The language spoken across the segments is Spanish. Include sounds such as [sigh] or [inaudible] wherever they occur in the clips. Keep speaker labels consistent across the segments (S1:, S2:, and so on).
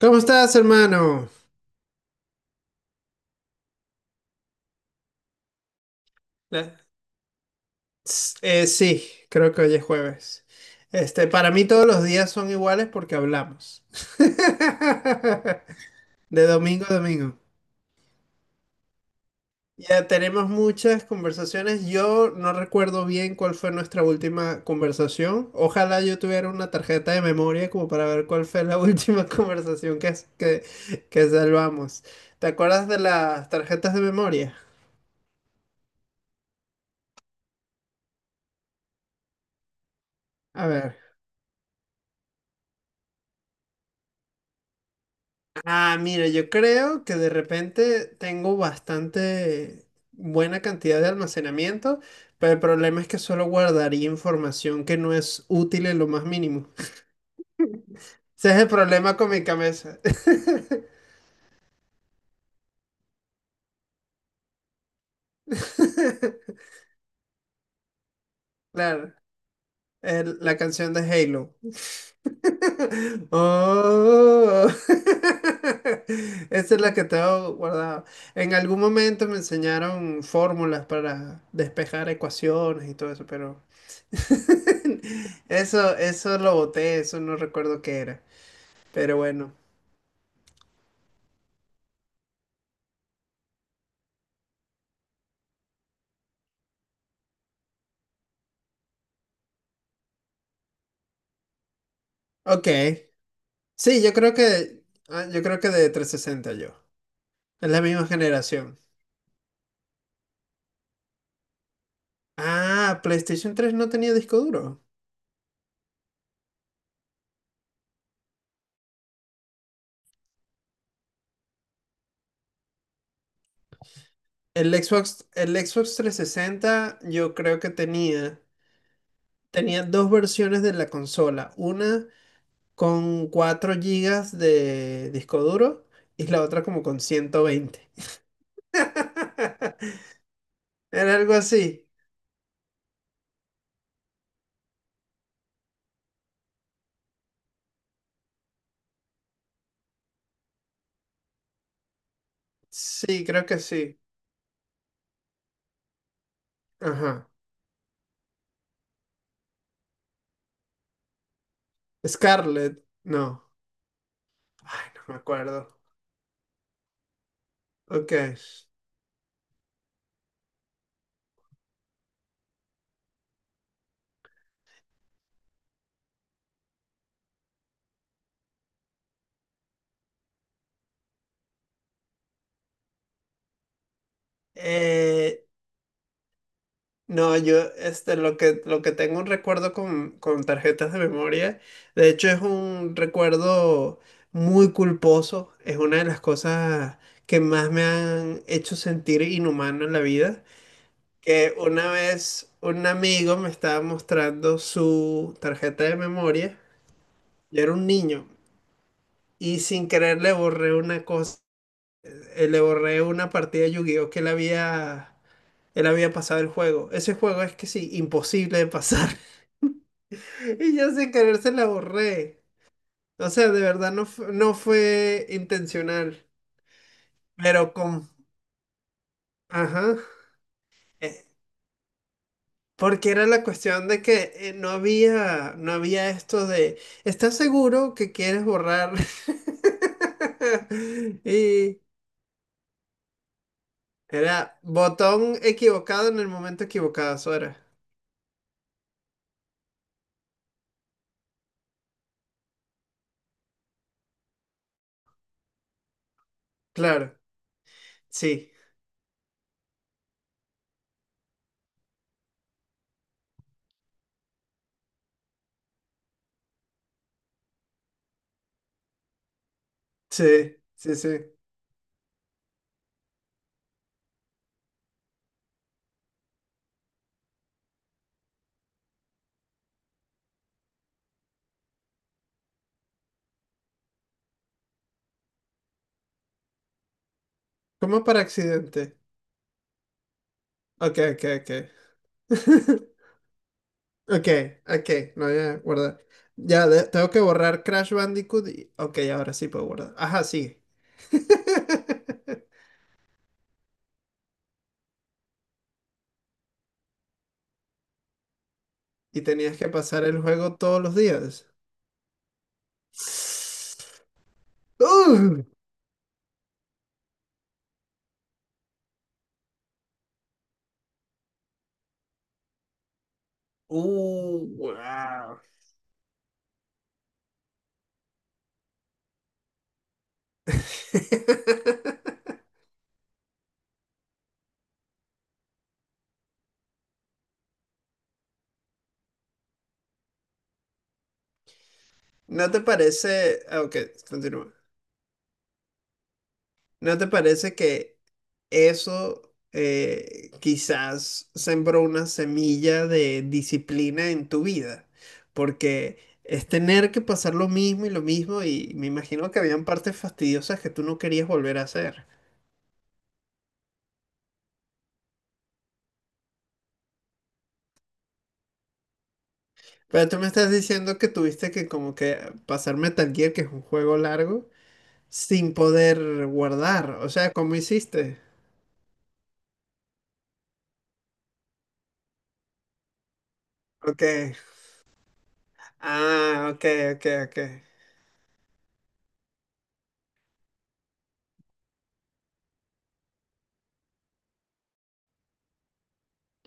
S1: ¿Cómo estás, hermano? Eh, sí, creo que hoy es jueves. Este, para mí todos los días son iguales porque hablamos. [laughs] De domingo a domingo. Ya tenemos muchas conversaciones. Yo no recuerdo bien cuál fue nuestra última conversación. Ojalá yo tuviera una tarjeta de memoria como para ver cuál fue la [laughs] última conversación que salvamos. ¿Te acuerdas de las tarjetas de memoria? A ver. Ah, mira, yo creo que de repente tengo bastante buena cantidad de almacenamiento, pero el problema es que solo guardaría información que no es útil en lo más mínimo. Ese es el problema con mi cabeza. [laughs] Claro, la canción de Halo. [laughs] Oh, [laughs] esa es la que tengo guardada. En algún momento me enseñaron fórmulas para despejar ecuaciones y todo eso, pero... [laughs] Eso lo boté, eso no recuerdo qué era. Pero bueno. Ok. Sí, yo creo que de 360 yo. Es la misma generación. Ah, PlayStation 3 no tenía disco duro. El Xbox 360 yo creo que tenía. Tenía dos versiones de la consola. Una con 4 gigas de disco duro y la otra como con 120. [laughs] Era algo así. Sí, creo que sí. Ajá. Scarlett. No. Ay, no me acuerdo. Ok. Eh, no, yo este, lo que tengo un recuerdo con, tarjetas de memoria, de hecho es un recuerdo muy culposo, es una de las cosas que más me han hecho sentir inhumano en la vida, que una vez un amigo me estaba mostrando su tarjeta de memoria, yo era un niño y sin querer le borré una cosa, le borré una partida de Yu-Gi-Oh! Que él había pasado el juego. Ese juego es que sí, imposible de pasar. [laughs] Y yo sin querer se la borré. O sea, de verdad no, no fue intencional. Pero con... Ajá. Eh, Porque era la cuestión de que no había esto de: ¿estás seguro que quieres borrar? [laughs] Y era botón equivocado en el momento equivocado, Sora. Claro, sí. Sí, sí, sí. ¿Cómo para accidente? Ok, ok, ok. [laughs] Ok, ok, no voy a guardar. Ya, tengo que borrar Crash Bandicoot. Ok, ahora sí puedo guardar. Ajá, sí. [laughs] Y tenías que pasar el juego todos los días. [sighs] ¡Ugh! Wow. [laughs] ¿No te parece? Ok, continúa. ¿No te parece que eso quizás sembró una semilla de disciplina en tu vida, porque es tener que pasar lo mismo y me imagino que habían partes fastidiosas que tú no querías volver a hacer? Pero tú me estás diciendo que tuviste que como que pasar Metal Gear, que es un juego largo, sin poder guardar. O sea, ¿cómo hiciste? Ok. Ah, ok, ok, ok.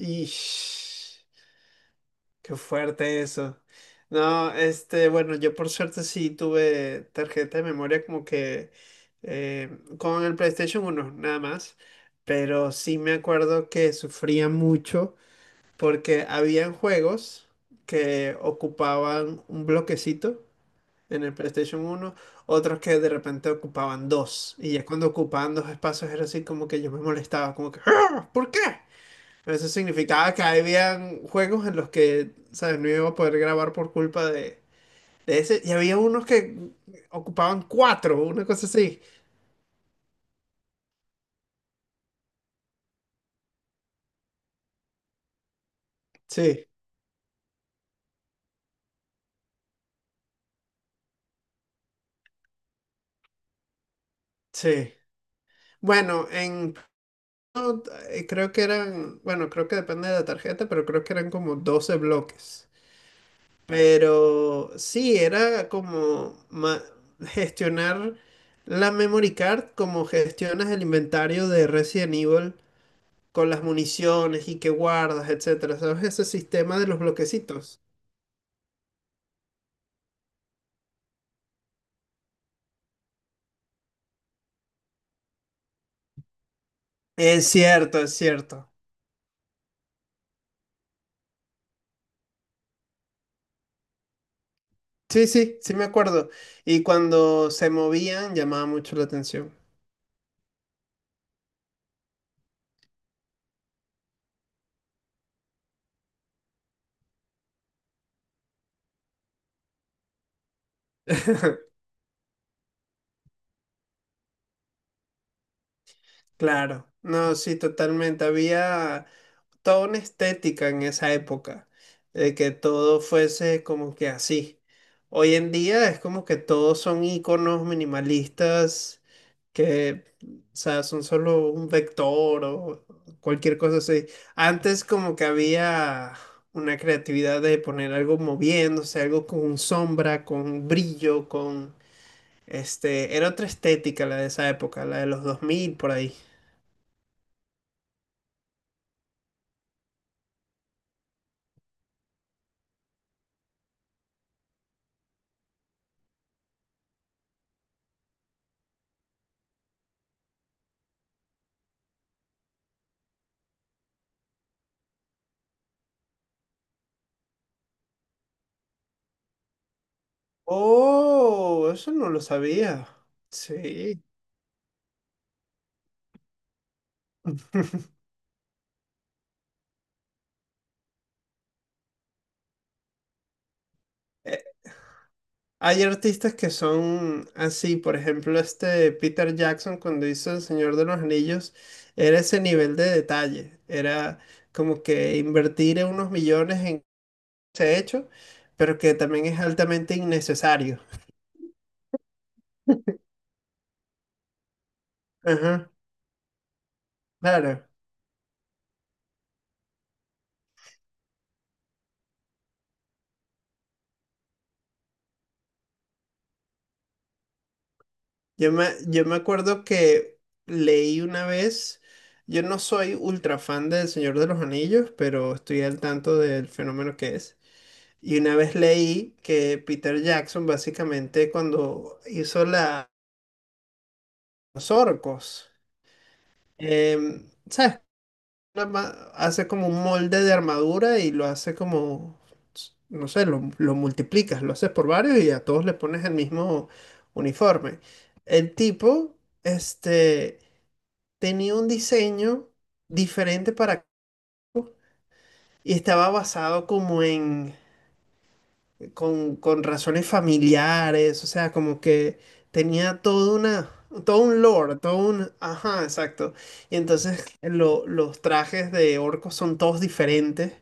S1: Ish. Qué fuerte eso. No, este, bueno, yo por suerte sí tuve tarjeta de memoria como que eh, con el PlayStation 1 nada más. Pero sí me acuerdo que sufría mucho porque habían juegos que ocupaban un bloquecito en el PlayStation 1, otros que de repente ocupaban dos. Y ya cuando ocupaban dos espacios era así como que yo me molestaba, como que: "¡Ah! ¿Por qué?". Pero eso significaba que habían juegos en los que, ¿sabes?, no iba a poder grabar por culpa de ese. Y había unos que ocupaban cuatro, una cosa así. Sí, sí. Bueno, en... no, Creo que eran, bueno, creo que depende de la tarjeta, pero creo que eran como 12 bloques. Pero sí, era como gestionar la memory card como gestionas el inventario de Resident Evil con las municiones y que guardas, etcétera, ¿sabes? Ese sistema de los bloquecitos. Es cierto, es cierto. Sí, sí, sí me acuerdo. Y cuando se movían llamaba mucho la atención. Claro, no, sí, totalmente. Había... toda una estética en esa época, de que todo fuese como que así. Hoy en día es como que todos son iconos minimalistas que, o sea, son solo un vector o cualquier cosa así. Antes como que había una creatividad de poner algo moviéndose, algo con sombra, con brillo, con... Este, era otra estética la de esa época, la de los 2000 por ahí. Oh, eso no lo sabía. Sí. [laughs] Eh, Hay artistas que son así, por ejemplo, este Peter Jackson, cuando hizo El Señor de los Anillos, era ese nivel de detalle, era como que invertir unos millones en ese hecho, pero que también es altamente innecesario. Ajá, claro. Yo me acuerdo que leí una vez, yo no soy ultra fan del Señor de los Anillos, pero estoy al tanto del fenómeno que es. Y una vez leí que Peter Jackson básicamente cuando hizo la, los orcos, ¿sabes? Hace como un molde de armadura y lo hace como, no sé, lo multiplicas, lo haces por varios y a todos le pones el mismo uniforme. El tipo, este... tenía un diseño diferente para... Y estaba basado como en... con razones familiares, o sea, como que tenía todo una... Todo un lore, todo un... Ajá, exacto. Y entonces los trajes de orcos son todos diferentes.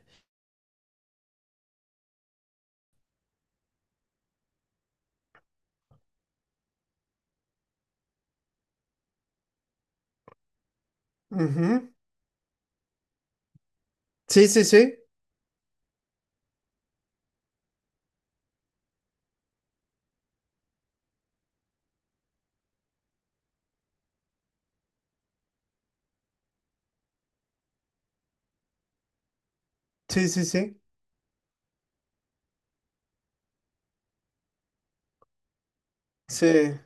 S1: Ujú. Sí, sí, sí. Sí, sí, sí. Sí,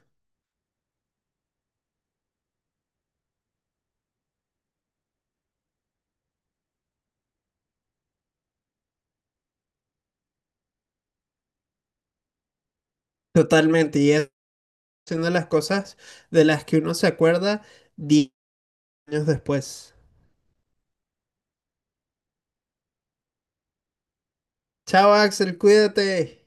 S1: totalmente. Y es una de las cosas de las que uno se acuerda 10 años después. Chao, Axel, cuídate.